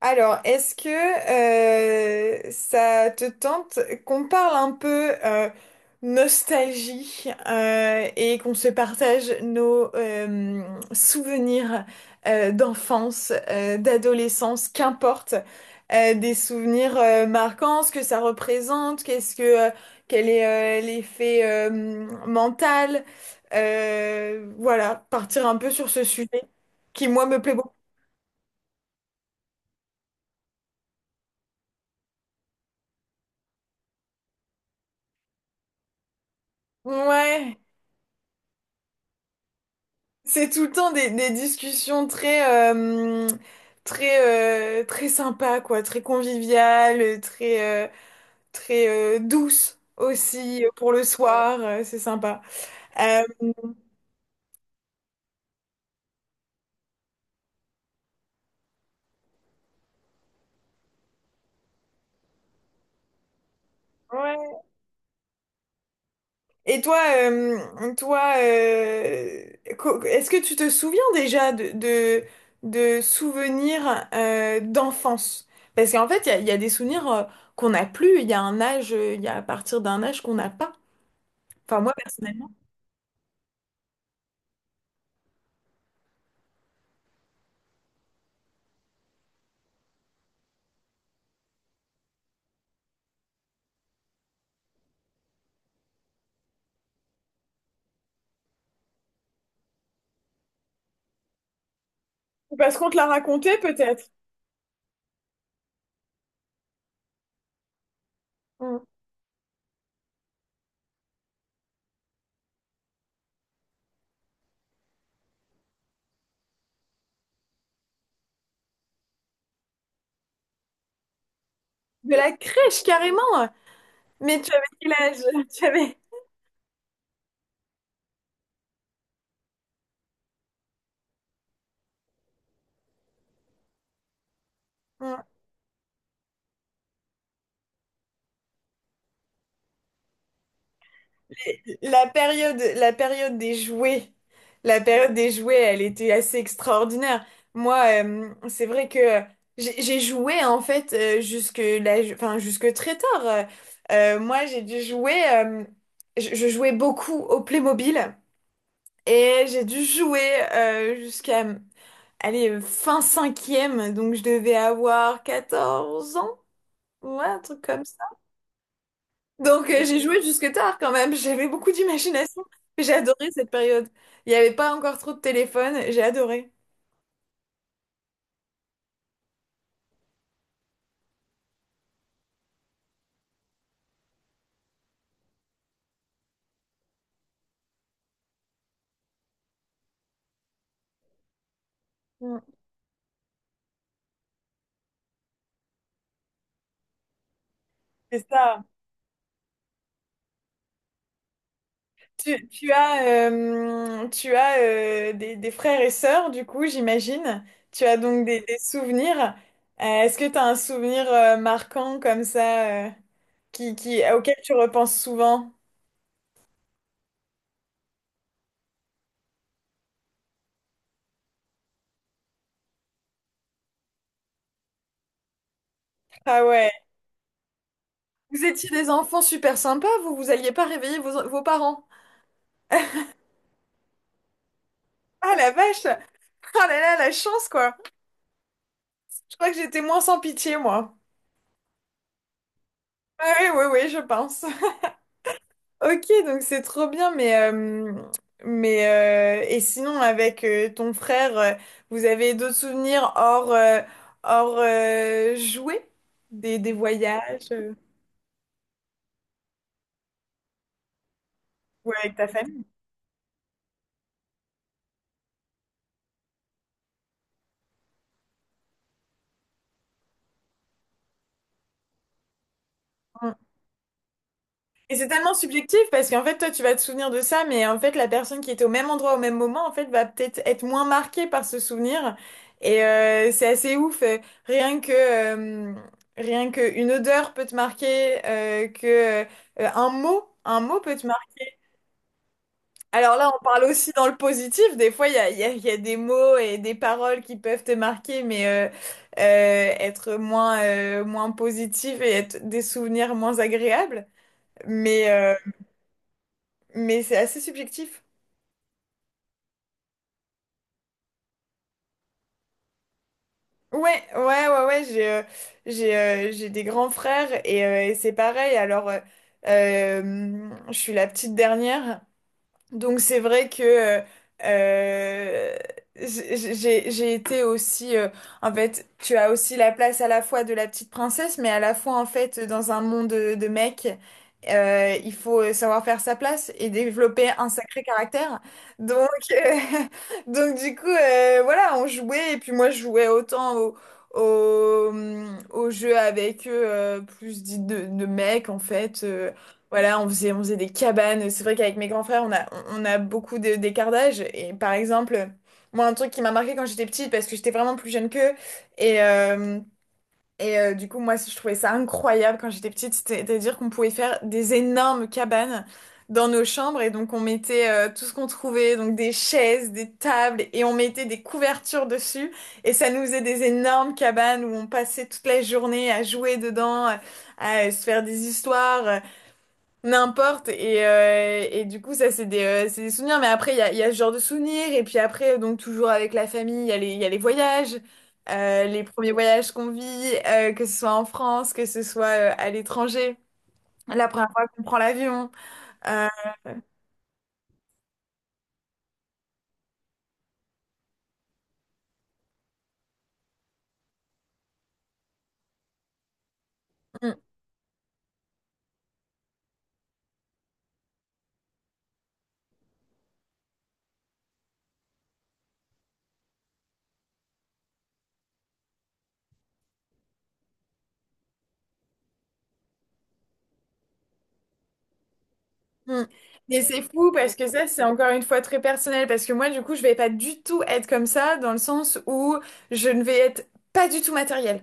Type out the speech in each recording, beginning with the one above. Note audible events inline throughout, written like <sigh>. Alors, est-ce que ça te tente qu'on parle un peu nostalgie et qu'on se partage nos souvenirs d'enfance, d'adolescence, qu'importe, des souvenirs marquants, ce que ça représente, qu'est-ce que euh, quel est l'effet mental, voilà, partir un peu sur ce sujet qui moi me plaît beaucoup. Ouais. C'est tout le temps des discussions très sympas, quoi, très conviviales, très douces aussi pour le soir, c'est sympa. Euh, Ouais. Et toi, est-ce que tu te souviens déjà de souvenirs d'enfance? Parce qu'en fait, il y a des souvenirs qu'on n'a plus, il y a un âge, il y a à partir d'un âge qu'on n'a pas. Enfin, moi, personnellement. Ou parce qu'on te l'a raconté peut-être. Mm. De la crèche, carrément. Mais tu avais quel âge? <laughs> Tu avais... Mm. La période, la période des jouets, la période des jouets, elle était assez extraordinaire. Moi, c'est vrai que j'ai joué en fait jusque là, enfin jusque très tard. Moi, j'ai dû jouer. Je je, jouais beaucoup au Playmobil et j'ai dû jouer jusqu'à allez, fin cinquième, donc je devais avoir 14 ans, ouais, un truc comme ça. Donc j'ai joué jusque tard quand même, <laughs> j'avais beaucoup d'imagination. J'ai adoré cette période. Il n'y avait pas encore trop de téléphone, j'ai adoré. Mm. C'est ça. Tu as des frères et sœurs, du coup, j'imagine. Tu as donc des souvenirs. Est-ce que tu as un souvenir marquant comme ça auquel tu repenses souvent? Ah ouais. Vous étiez des enfants super sympas, vous alliez pas réveiller vos parents. Ah la vache! Ah là là, la chance quoi! Je crois que j'étais moins sans pitié moi. Ah oui, oui, oui, je pense. <laughs> Ok, donc c'est trop bien, mais et sinon avec ton frère, vous avez d'autres souvenirs hors, jouets? Des voyages? Ou avec ta famille? Et c'est tellement subjectif parce qu'en fait, toi, tu vas te souvenir de ça, mais en fait, la personne qui était au même endroit au même moment, en fait, va peut-être être moins marquée par ce souvenir. Et c'est assez ouf. Rien que, rien que une odeur peut te marquer, que un mot peut te marquer. Alors là, on parle aussi dans le positif. Des fois, il y a des mots et des paroles qui peuvent te marquer, mais être moins, moins positif et être des souvenirs moins agréables. Mais, mais c'est assez subjectif. Ouais, ouais, ouais, ouais, j'ai des grands frères et c'est pareil. Alors, je suis la petite dernière. Donc c'est vrai que euh, j'ai été aussi en fait tu as aussi la place à la fois de la petite princesse mais à la fois en fait dans un monde de mecs, il faut savoir faire sa place et développer un sacré caractère, donc euh, <laughs> donc du coup voilà, on jouait et puis moi je jouais autant au au jeu avec eux, plus dit de mecs en fait. Voilà, on faisait des cabanes. C'est vrai qu'avec mes grands frères, on a beaucoup d'écart d'âge. Et par exemple, moi, un truc qui m'a marqué quand j'étais petite, parce que j'étais vraiment plus jeune qu'eux, et, euh, du coup, moi, je trouvais ça incroyable quand j'étais petite, c'est-à-dire qu'on pouvait faire des énormes cabanes dans nos chambres, et donc on mettait tout ce qu'on trouvait, donc des chaises, des tables, et on mettait des couvertures dessus, et ça nous faisait des énormes cabanes où on passait toute la journée à jouer dedans, à se faire des histoires. N'importe. Et, du coup, ça, c'est des souvenirs. Mais après, il y a ce genre de souvenirs. Et puis après, donc toujours avec la famille, il y a les voyages, les premiers voyages qu'on vit, que ce soit en France, que ce soit à l'étranger. La première fois qu'on prend l'avion. Euh, hum. Hum. Mais c'est fou parce que ça, c'est encore une fois très personnel. Parce que moi, du coup, je vais pas du tout être comme ça, dans le sens où je ne vais être pas du tout matériel.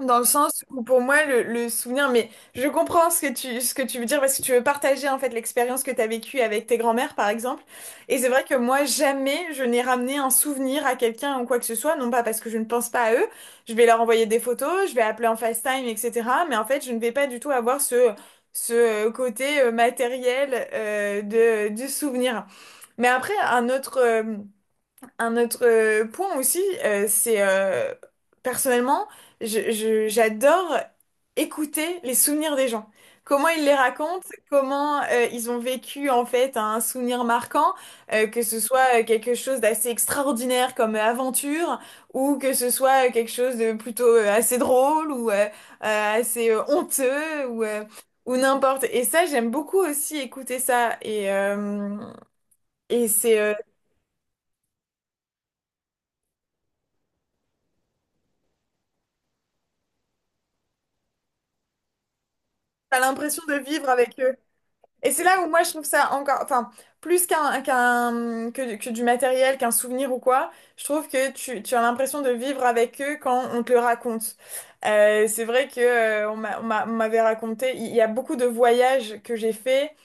Dans le sens où pour moi le souvenir, mais je comprends ce que tu veux dire parce que tu veux partager en fait l'expérience que tu as vécue avec tes grands-mères par exemple. Et c'est vrai que moi jamais je n'ai ramené un souvenir à quelqu'un ou quoi que ce soit, non pas parce que je ne pense pas à eux, je vais leur envoyer des photos, je vais appeler en FaceTime, etc. Mais en fait je ne vais pas du tout avoir ce, côté matériel du souvenir. Mais après un autre... point aussi, c'est personnellement, j'adore écouter les souvenirs des gens. Comment ils les racontent, comment ils ont vécu en fait un souvenir marquant, que ce soit quelque chose d'assez extraordinaire comme aventure, ou que ce soit quelque chose de plutôt assez drôle ou assez honteux ou n'importe. Et ça, j'aime beaucoup aussi écouter ça et c'est t'as l'impression de vivre avec eux. Et c'est là où moi je trouve ça encore, enfin, plus que du matériel, qu'un souvenir ou quoi, je trouve tu as l'impression de vivre avec eux quand on te le raconte. C'est vrai que on m'avait raconté, il y a beaucoup de voyages que j'ai fait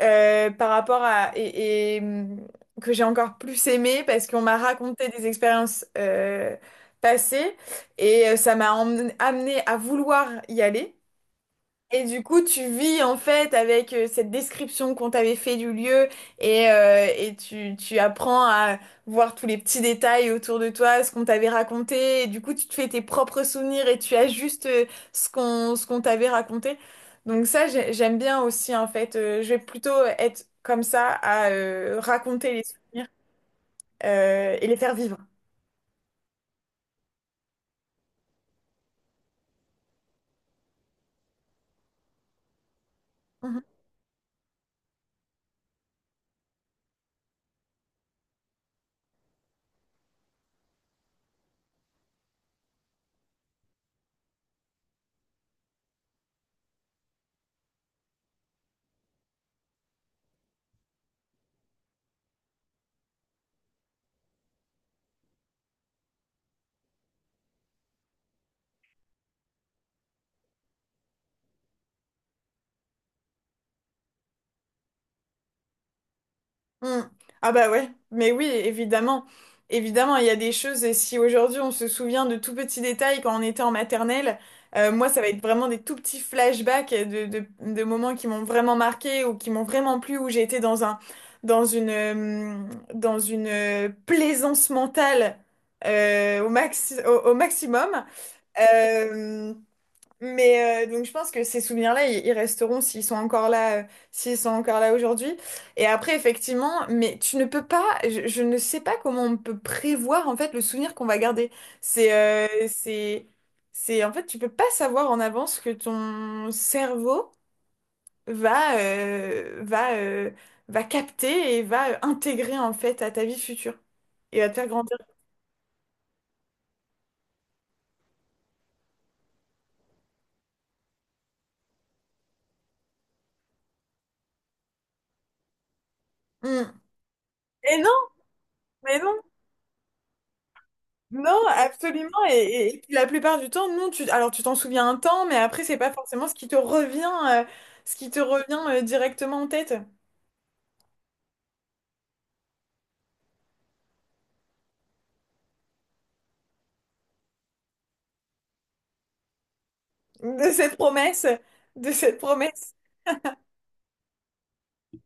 par rapport à et, que j'ai encore plus aimé parce qu'on m'a raconté des expériences passées et ça m'a amené à vouloir y aller. Et du coup, tu vis en fait avec cette description qu'on t'avait fait du lieu, et tu apprends à voir tous les petits détails autour de toi, ce qu'on t'avait raconté. Et du coup, tu te fais tes propres souvenirs et tu ajustes ce qu'on t'avait raconté. Donc ça, j'aime bien aussi en fait. Je vais plutôt être comme ça à raconter les souvenirs et les faire vivre. Mmh. Hmm. Ah bah ouais, mais oui, évidemment. Évidemment, il y a des choses, et si aujourd'hui on se souvient de tout petits détails quand on était en maternelle, moi ça va être vraiment des tout petits flashbacks de moments qui m'ont vraiment marqué ou qui m'ont vraiment plu, où j'ai été dans un, dans une, euh, dans une plaisance mentale au maximum. Euh, mais donc je pense que ces souvenirs-là, ils resteront s'ils sont encore là, aujourd'hui. Et après, effectivement, mais tu ne peux pas, je ne sais pas comment on peut prévoir en fait le souvenir qu'on va garder. C'est, euh, c'est, c'est en fait, tu peux pas savoir en avance ce que ton cerveau va, euh, va, euh, va capter et va intégrer en fait à ta vie future et va te faire grandir. Mm. Et non, mais non. Non, absolument. Et puis la plupart du temps, non, alors tu t'en souviens un temps, mais après, c'est pas forcément ce qui te revient, directement en tête de cette promesse, de cette promesse.